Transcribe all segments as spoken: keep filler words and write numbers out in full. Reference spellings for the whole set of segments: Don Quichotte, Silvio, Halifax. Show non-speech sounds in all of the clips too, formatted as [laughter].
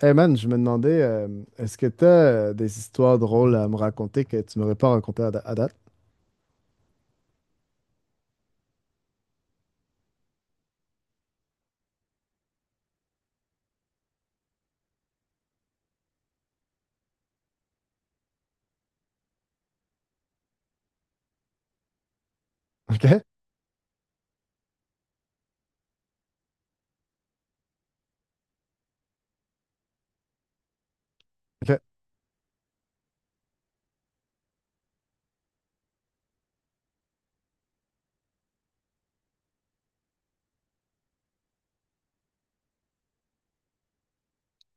Hey man, je me demandais, euh, est-ce que tu as des histoires drôles à me raconter que tu m'aurais pas racontées à, da- à date? [laughs] OK? OK.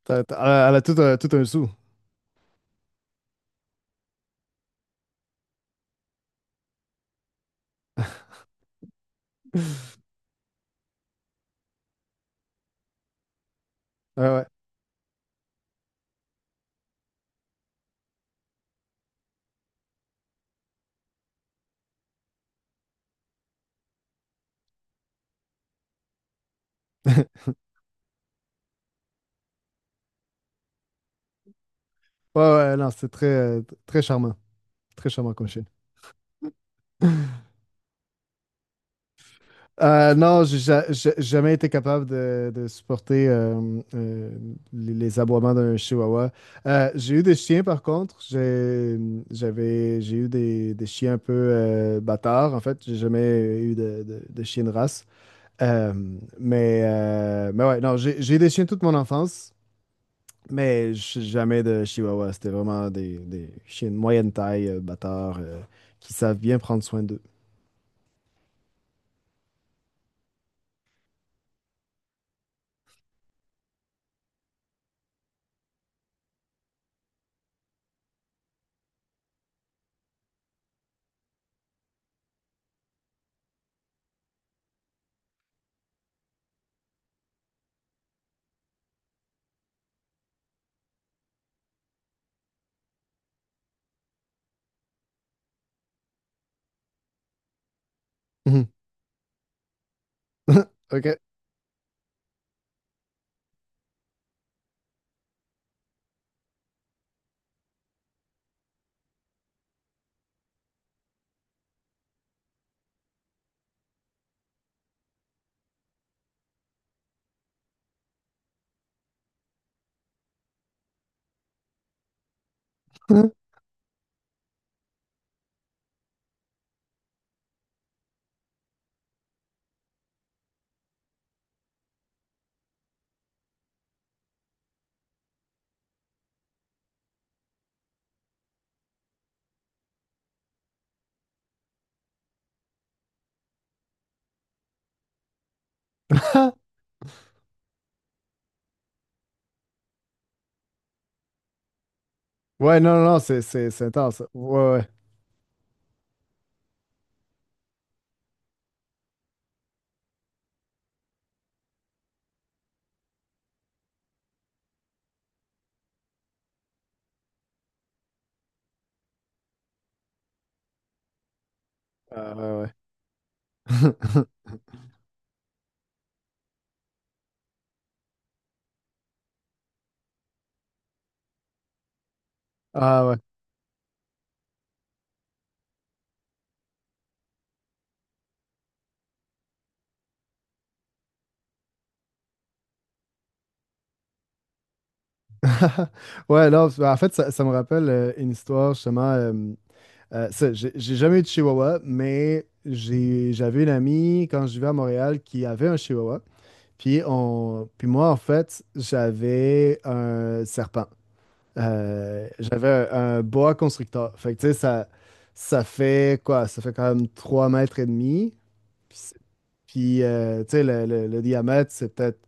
T'as- t'as- Elle a, elle a tout, un, tout un sou. Ouais, ouais. [laughs] Ouais, ouais, non, c'est très, euh, très charmant. Très charmant comme chien. [laughs] Euh, non, j'ai ja- j'ai jamais été capable de, de supporter euh, euh, les, les aboiements d'un chihuahua. Euh, j'ai eu des chiens, par contre. J'ai, j'avais, j'ai eu des, des chiens un peu euh, bâtards, en fait. J'ai jamais eu de, de, de chien de race. Euh, mais, euh, mais ouais, non, j'ai j'ai des chiens toute mon enfance, mais j- jamais de chihuahua. C'était vraiment des, des chiens de moyenne taille, euh, bâtards, euh, qui savent bien prendre soin d'eux. Mhm. [laughs] OK. [laughs] Ouais, non, non, non, c'est c'est- c'est intense. Ouais, ouais. Ah, ouais, ouais. [laughs] Ah ouais. [laughs] Ouais, non, parce en fait, ça, ça me rappelle euh, une histoire, justement. euh, euh, Ça, j'ai j'ai jamais eu de chihuahua, mais j'ai- j'avais une amie quand je vivais à Montréal qui avait un chihuahua. Puis, on... Puis moi, en fait, j'avais un serpent. Euh, j'avais un, un boa constrictor. Fait que, tu sais, ça, ça fait quoi? Ça fait quand même trois mètres et demi. Puis, c'est- puis, euh, tu sais, le, le- le diamètre, c'est peut-être.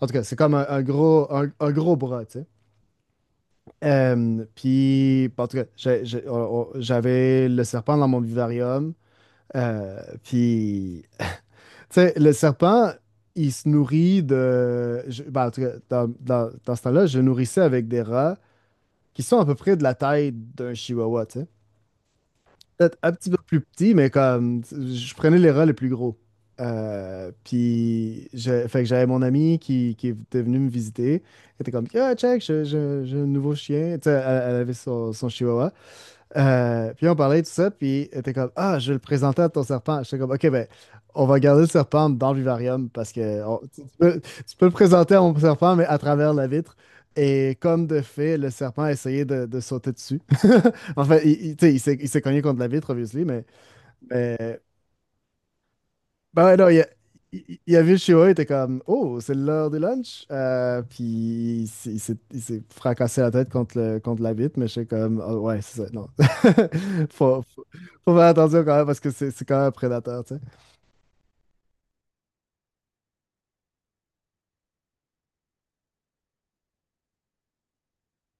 En tout cas, c'est comme un, un gros, un, un gros bras, tu sais. Euh, puis, en tout cas, j'ai- j'ai- on- on- j'avais le serpent dans mon vivarium. Euh, puis, Tu sais, le serpent, il se nourrit de. Je- ben, en tout cas, dans, dans- dans ce temps-là, je nourrissais avec des rats qui sont à peu près de la taille d'un chihuahua, tu sais. Peut-être un petit peu plus petit, mais comme. Je prenais les rats les plus gros. Euh, puis, je- fait que j'avais mon ami qui, qui était venu me visiter. Elle était comme, ah, check, j'ai j'ai- j'ai un nouveau chien. Tu sais, elle, elle avait son, son chihuahua. Euh, puis on parlait de tout ça, puis t'es comme ah, je vais le présenter à ton serpent. J'étais comme ok, ben, on va garder le serpent dans le vivarium parce que on- tu, tu peux, tu peux le présenter à mon serpent, mais à travers la vitre. Et comme de fait, le serpent a essayé de, de sauter dessus. [laughs] Enfin, il, il- tu sais, il s'est il s'est cogné contre la vitre, obviously, mais, mais, ben ouais, non, il a, il, il a vu Shiro, il était comme oh, c'est l'heure du lunch. Euh, puis il s'est il s'est- il s'est fracassé la tête contre, le, contre la vitre, mais j'étais comme ah ouais, c'est ça, non. [laughs] faut, faut, faut faire attention quand même parce que c'est c'est quand même un prédateur, tu sais.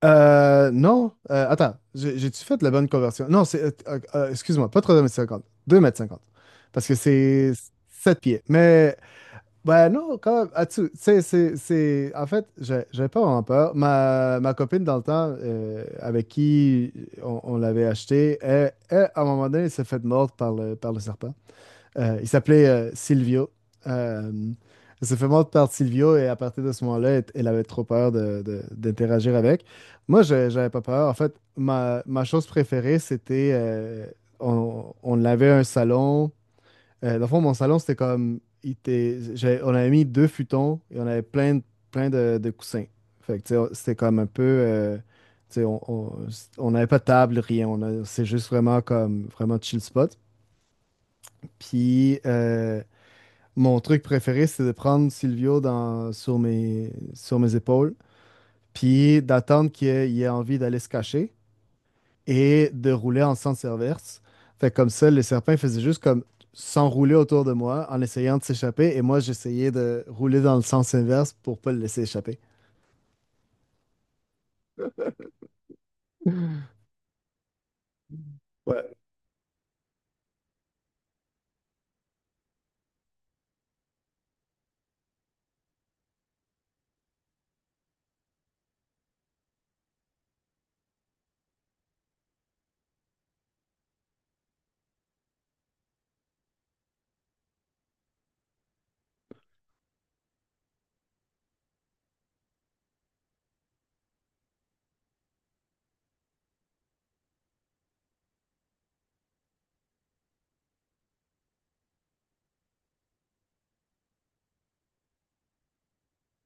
Euh, non, euh, attends, j'ai- j'ai-tu fait la bonne conversion? Non, c'est. euh, euh, euh, excuse-moi, pas trois mètres cinquante, deux mètres cinquante. Parce que c'est sept pieds. Mais ben non, quand même. Ah, tu tu sais, c'est, c'est... en fait, j'ai- j'avais pas vraiment peur. Ma, ma copine, dans le temps, euh, avec qui on, on l'avait acheté, elle, elle, à un moment donné, elle s'est fait mordre par le, par le serpent. Euh, il s'appelait euh, Silvio. Euh, Elle s'est fait mordre par Silvio et à partir de ce moment-là, elle, elle avait trop peur de, de- d'interagir avec. Moi, je- j'avais pas peur. En fait, ma, ma chose préférée, c'était. euh, on, on avait un salon. Euh, dans le fond, mon salon, c'était comme. Il était- j'avais- on avait mis deux futons et on avait plein, de- plein de, de coussins. Fait que, tu sais, on- c'était comme un peu. Euh, tu sais, on on- on n'avait pas de table, rien. On a- c'est juste vraiment comme. Vraiment chill spot. Puis, euh, mon truc préféré, c'est de prendre Silvio dans, sur mes, sur mes épaules. Puis, d'attendre qu'il ait, il ait envie d'aller se cacher et de rouler en sens inverse. Fait que comme ça, les serpents faisaient juste comme s'enrouler autour de moi en essayant de s'échapper et moi j'essayais de rouler dans le sens inverse pour pas le laisser échapper. Ouais.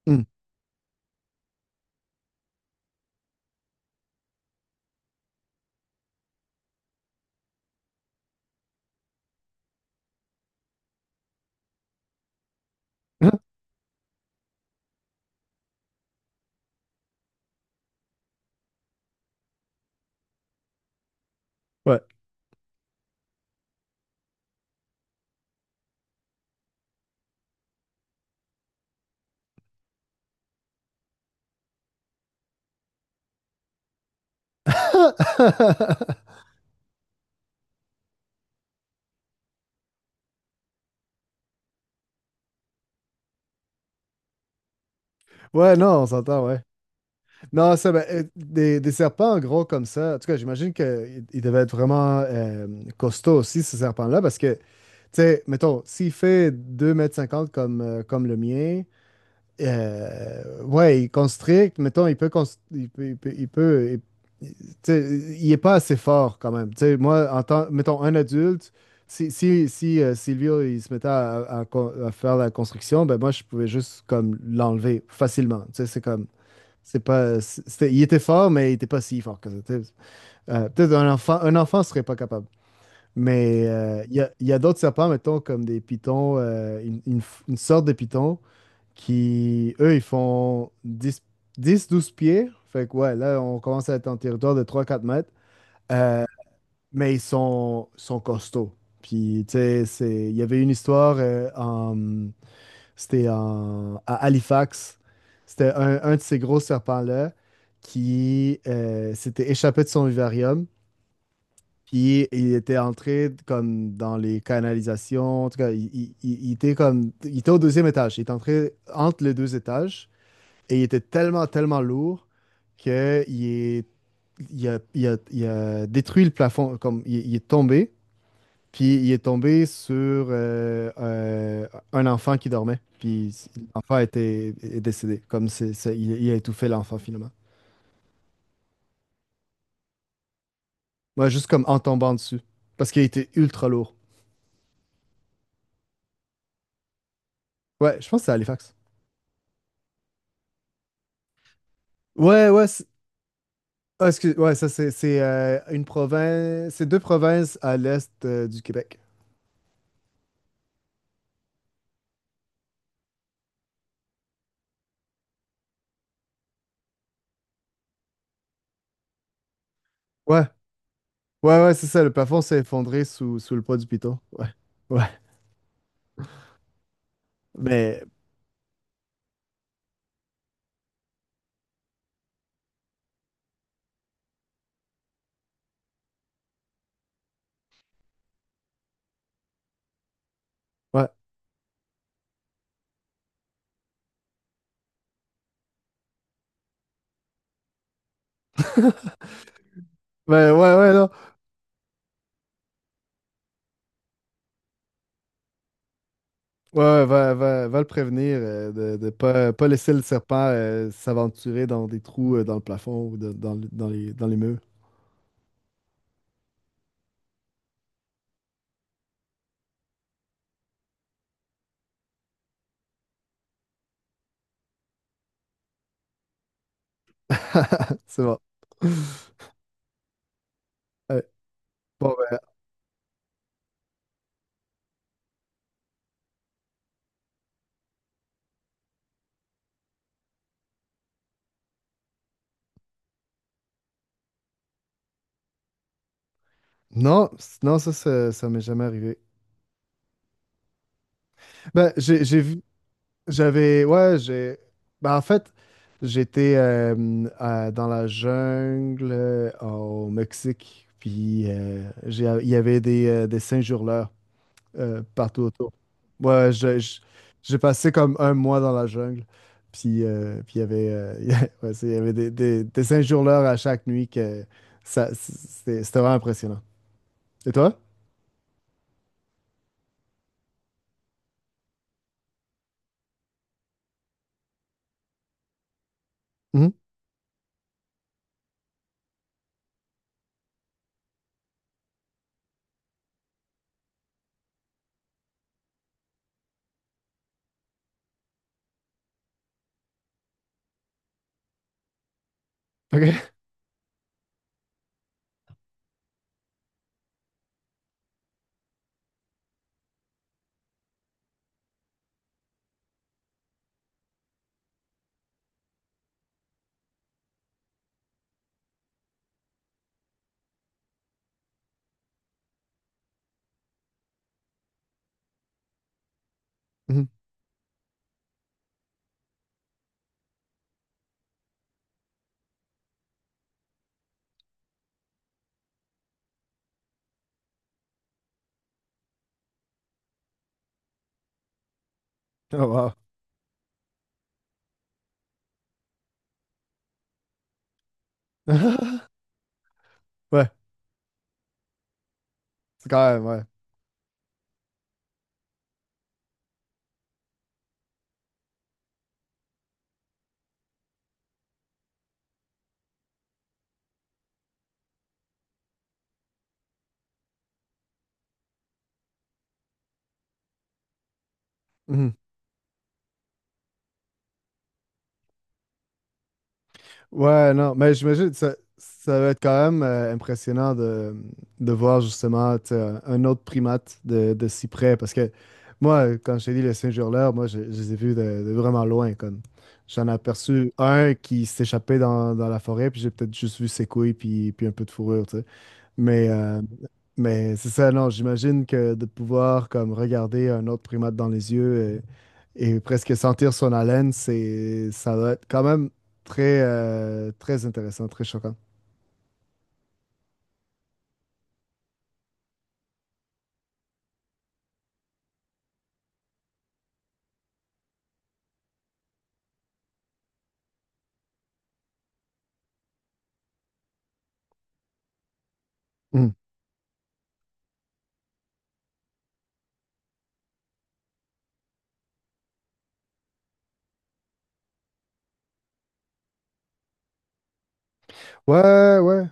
Hmm. [laughs] Ouais. [laughs] Ouais, non, on s'entend, ouais. Non, ça, ben, euh, des, des serpents en gros comme ça, en tout cas, j'imagine qu'ils devaient être vraiment euh, costauds aussi, ces serpents-là, parce que, tu sais, mettons, s'il fait deux mètres cinquante comme, euh, comme le mien, euh, ouais, il constricte, mettons, il peut, const- il peut, il peut, il peut- il- tu sais, il est pas assez fort quand même. Tu sais, moi, en tant, mettons, un adulte, si, si, si euh, Silvio, il se mettait à, à con- à faire la construction, ben moi, je pouvais juste comme l'enlever facilement. Tu sais, c'est comme, c'est pas, c'était- il était fort, mais il était pas si fort que ça. Tu sais. Euh, peut-être un enfant, un enfant, serait pas capable. Mais euh, il y a, il y a d'autres serpents, mettons, comme des pitons, euh, une, une f- une sorte de python qui, eux, ils font dix douze pieds. Fait que ouais, là, on commence à être en territoire de trois quatre mètres. Euh, mais ils sont, sont costauds. Puis, tu sais, c'est- il y avait une histoire, euh, en- c'était en- à Halifax. C'était un, un de ces gros serpents-là qui euh, s'était échappé de son vivarium. Puis, il était entré comme dans les canalisations. En tout cas, il, il- il- il était comme, il était au deuxième étage. Il était entré entre les deux étages. Et il était tellement, tellement lourd qu'il est, il a, il a- il a détruit le plafond. Comme, il, il est tombé, puis il est tombé sur euh, euh, un enfant qui dormait. Puis l'enfant était, est décédé. Comme, c'est, c'est- il, il a étouffé l'enfant finalement. Ouais, juste comme en tombant dessus. Parce qu'il était ultra lourd. Ouais, je pense que c'est Halifax. Ouais, ouais. C'est- ah, excuse, ouais, ça c'est c'est, euh, une province. C'est deux provinces à l'est euh, du Québec. Ouais, ouais, ouais, c'est ça, le plafond s'est effondré sous, sous le poids du piton. Ouais, ouais, mais ouais. [laughs] Ben ouais, ouais, non. Ouais, ouais, va, va, va le prévenir euh, de, de pas, pas laisser le serpent euh, s'aventurer dans des trous euh, dans le plafond ou de- dans, le- dans les, dans les murs. [laughs] C'est bon. Ouais. Bon, ben, non, c- non, ça, ça, ça m'est jamais arrivé. Ben, j'ai, j'ai vu. J'avais, ouais, j'ai. Ben, en fait, j'étais euh, à- dans la jungle euh, au Mexique, puis euh, j'ai- il y avait des, euh, des singes-hurleurs euh, partout autour. Ouais, je- je- j'ai passé comme un mois dans la jungle, puis euh, puis il y avait, euh, [laughs] il y a- ouais, c'est- il y avait des, des, des singes-hurleurs à chaque nuit que ça, c'était c'était vraiment impressionnant. Et toi? Mhm. OK. Mhm. Oh, wow. [laughs] Ouais, c'est quand même, ouais. Mhm. Ouais, non, mais j'imagine que ça, ça va être quand même euh, impressionnant de, de voir justement tu sais, un un autre primate de, de si près. Parce que moi, quand je t'ai dit les Saint-Hurleurs, moi, je, je les ai vus de, de vraiment loin. Comme. J'en ai aperçu un qui s'échappait dans, dans la forêt, puis j'ai peut-être juste vu ses couilles, puis, puis un peu de fourrure. Tu sais. Mais, euh, mais c'est ça, non, j'imagine que de pouvoir comme regarder un autre primate dans les yeux et, et presque sentir son haleine, c'est, ça doit être quand même très, euh, très intéressant, très choquant. Mm. Ouais, ouais.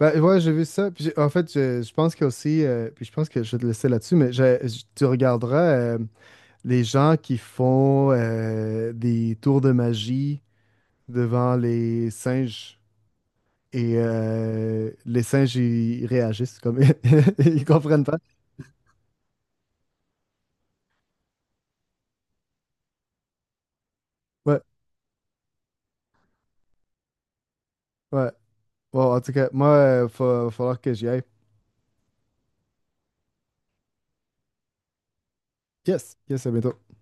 Ben, ouais, j'ai vu ça. Puis j'ai- en fait, je, je pense qu'il y a aussi, euh, puis je pense que je vais te laisser là-dessus, mais je- je- tu regarderas euh, les gens qui font euh, des tours de magie devant les singes. Et euh, les singes, ils ils réagissent comme [laughs] ils comprennent pas. Ouais, ouais. Bon, en tout cas, moi, il va falloir que j'y aille. Yes, yes, à bientôt.